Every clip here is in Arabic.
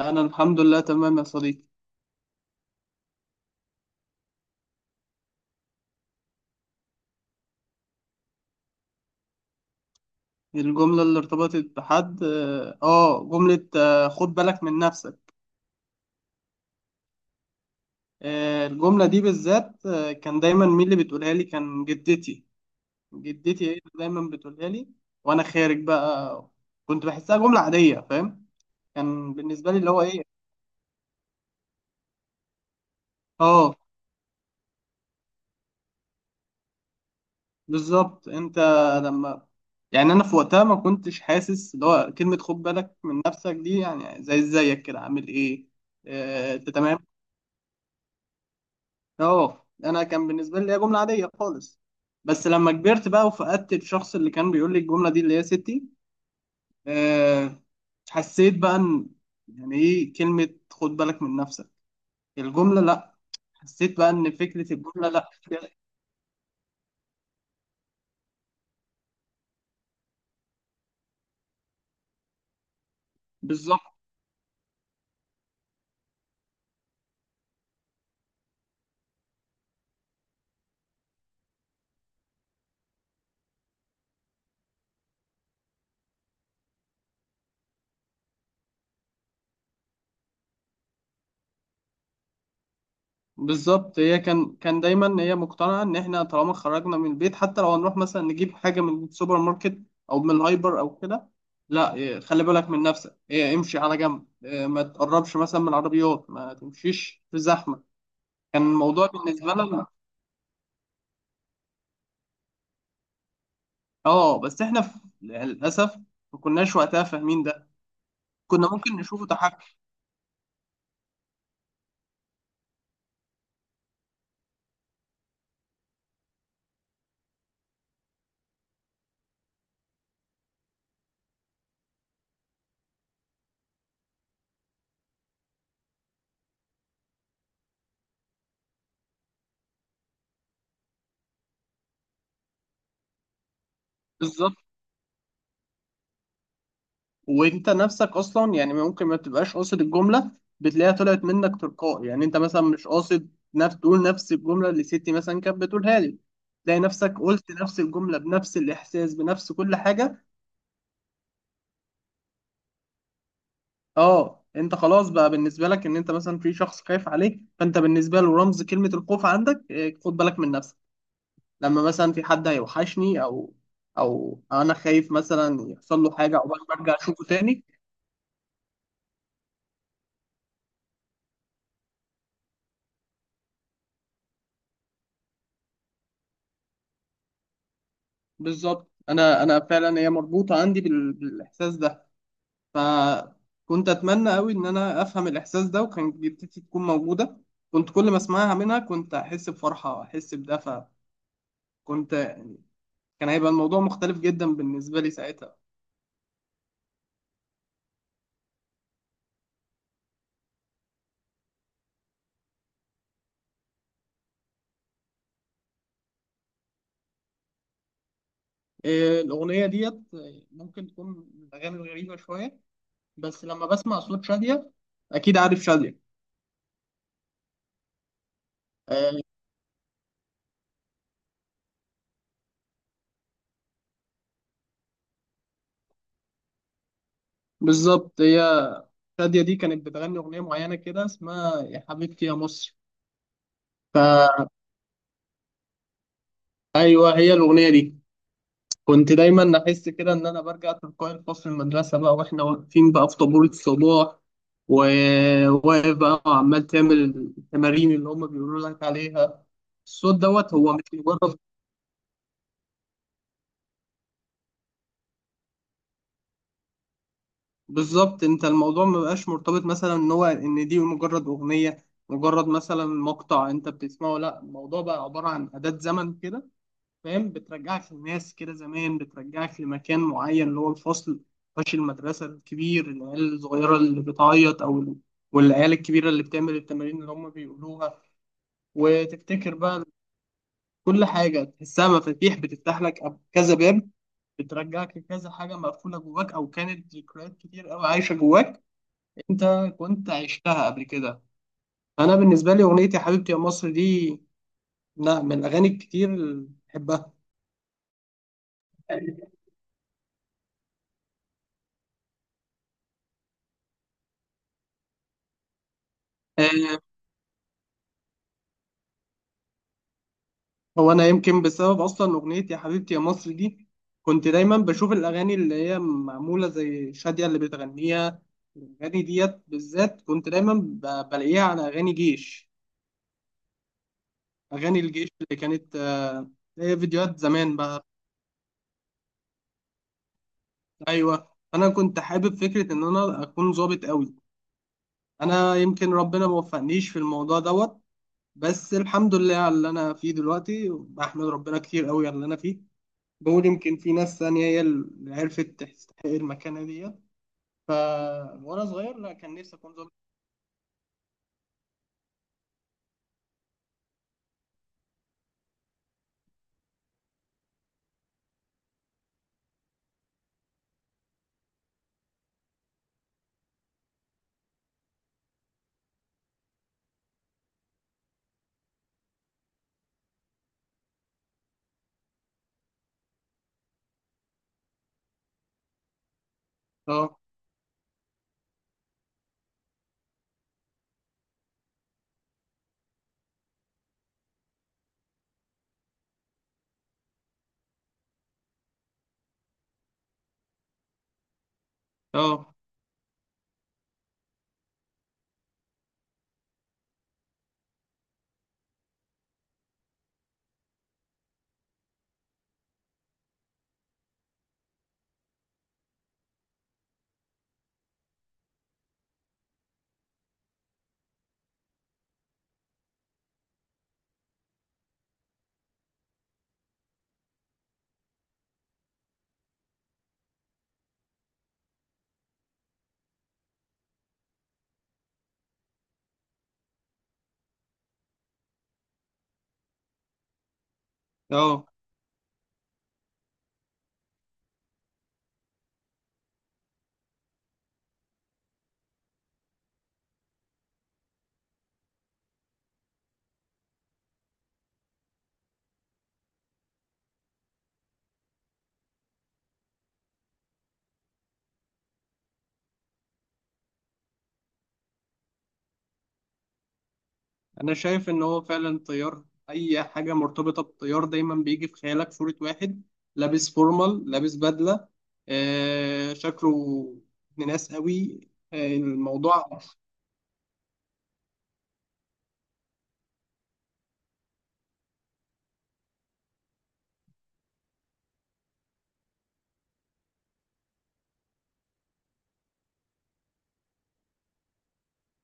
أنا الحمد لله تمام يا صديقي. الجملة اللي ارتبطت بحد جملة خد بالك من نفسك. الجملة دي بالذات، كان دايما مين اللي بتقولها لي؟ كان جدتي، جدتي هي اللي دايما بتقولها لي وأنا خارج بقى. كنت بحسها جملة عادية، فاهم، كان بالنسبة لي اللي هو إيه. آه بالظبط أنت. لما، يعني أنا في وقتها ما كنتش حاسس اللي هو كلمة خد بالك من نفسك دي، يعني زيك كده، عامل إيه؟ آه أنت تمام. اه انا كان بالنسبه لي هي جمله عاديه خالص، بس لما كبرت بقى وفقدت الشخص اللي كان بيقول لي الجمله دي اللي هي ستي. أه حسيت بقى ان، يعني ايه كلمه خد بالك من نفسك. الجمله لا، حسيت بقى ان فكره الجمله لا. بالظبط. بالظبط، هي كان دايما هي مقتنعه ان احنا طالما خرجنا من البيت، حتى لو هنروح مثلا نجيب حاجه من السوبر ماركت او من الهايبر او كده، لا إيه، خلي بالك من نفسك، إيه، امشي على جنب، إيه، ما تقربش مثلا من العربيات، ما تمشيش في زحمه. كان الموضوع بالنسبه لنا، اه بس احنا للاسف ما كناش وقتها فاهمين ده، كنا ممكن نشوفه تحكم. بالظبط. وانت نفسك اصلا يعني ممكن ما تبقاش قاصد الجمله، بتلاقيها طلعت منك تلقائي. يعني انت مثلا مش قاصد تقول نفس الجمله اللي ستي مثلا كانت بتقولها لي، تلاقي نفسك قلت نفس الجمله بنفس الاحساس، بنفس كل حاجه. اه، انت خلاص بقى بالنسبه لك ان انت مثلا في شخص خايف عليك، فانت بالنسبه له رمز كلمه الخوف عندك، إيه، خد بالك من نفسك. لما مثلا في حد هيوحشني او، او انا خايف مثلا يحصل له حاجه او برجع اشوفه تاني. بالظبط. انا فعلا هي مربوطه عندي بالاحساس ده. فكنت اتمنى قوي ان انا افهم الاحساس ده وكان جدتي تكون موجوده. كنت كل ما اسمعها منها كنت احس بفرحه واحس بدفى. كنت، كان هيبقى الموضوع مختلف جدا بالنسبه لي ساعتها. إيه، الاغنيه ديت ممكن تكون من الاغاني الغريبه شويه، بس لما بسمع صوت شاديه، اكيد عارف شاديه. آه. بالظبط، هي شاديه دي كانت بتغني اغنيه معينه كده اسمها يا حبيبتي يا مصر. فايوه هي الاغنيه دي. كنت دايما احس كده ان انا برجع تلقائي لفصل المدرسه بقى واحنا واقفين بقى في طابور الصباح، وواقف بقى وعمال تعمل التمارين اللي هم بيقولوا لك عليها. الصوت دوت هو مش مجرد. بالظبط، انت الموضوع ما بقاش مرتبط مثلا ان هو ان دي مجرد اغنيه، مجرد مثلا مقطع انت بتسمعه، لا الموضوع بقى عباره عن اداه زمن كده، فاهم، بترجعك للناس كده زمان، بترجعك لمكان معين اللي هو الفصل، فش المدرسة الكبير، العيال الصغيرة اللي بتعيط والعيال الكبيرة اللي بتعمل التمارين اللي هم بيقولوها. وتفتكر بقى، كل حاجة تحسها مفاتيح بتفتح لك كذا باب، بترجعك لكذا حاجة مقفولة جواك، أو كانت ذكريات كتير أوي عايشة جواك أنت، كنت عشتها قبل كده. أنا بالنسبة لي أغنية يا حبيبتي يا مصر دي لا من الأغاني الكتير اللي بحبها. آه، هو انا يمكن بسبب اصلا اغنيه يا حبيبتي يا مصر دي كنت دايما بشوف الاغاني اللي هي معموله زي شاديه اللي بتغنيها. الاغاني ديت بالذات كنت دايما بلاقيها على اغاني جيش، اغاني الجيش اللي كانت، هي فيديوهات زمان بقى. ايوه انا كنت حابب فكره ان انا اكون ظابط قوي. انا يمكن ربنا ما وفقنيش في الموضوع دوت، بس الحمد لله على اللي انا فيه دلوقتي، بحمد ربنا كتير قوي على اللي انا فيه. نقول يمكن في ناس ثانية هي اللي عرفت تستحق المكانة ديت. ف وأنا صغير لا كان نفسي أكون ظابط. أه. أه. أه. أنا شايف إن هو فعلا طيار، أي حاجة مرتبطة بالطيار دايما بيجي في خيالك صورة واحد لابس فورمال، لابس بدلة، آه شكله ابن ناس قوي، آه الموضوع.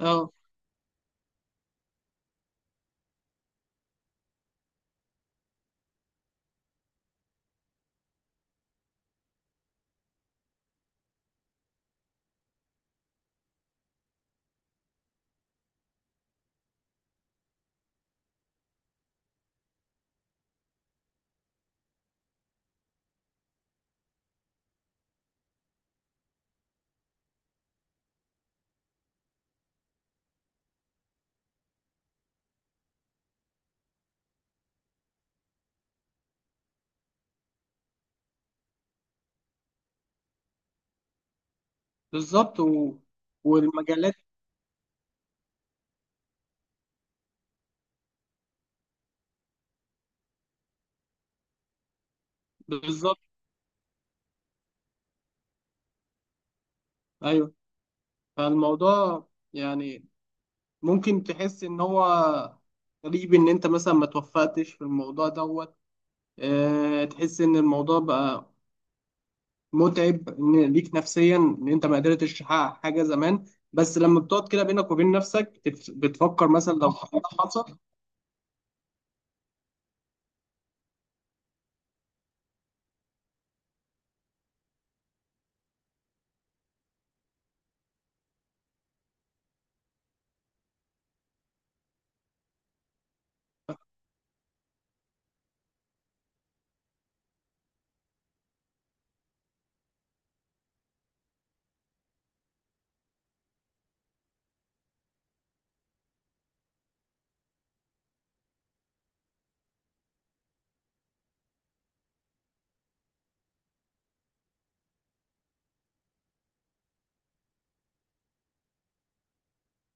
أه بالظبط والمجالات. بالظبط. أيوه، فالموضوع يعني ممكن تحس ان هو غريب ان انت مثلا ما توفقتش في الموضوع دوت، اه تحس ان الموضوع بقى متعب ان ليك نفسيا ان انت ما قدرتش تحقق حاجه زمان، بس لما بتقعد كده بينك وبين نفسك بتفكر مثلا لو كان ده حصل.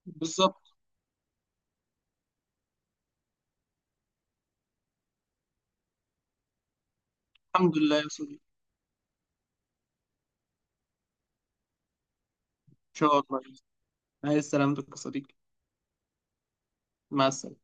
بالظبط. الحمد لله يا صديقي. ان شاء الله. عايز سلامتك يا صديقي. مع السلامه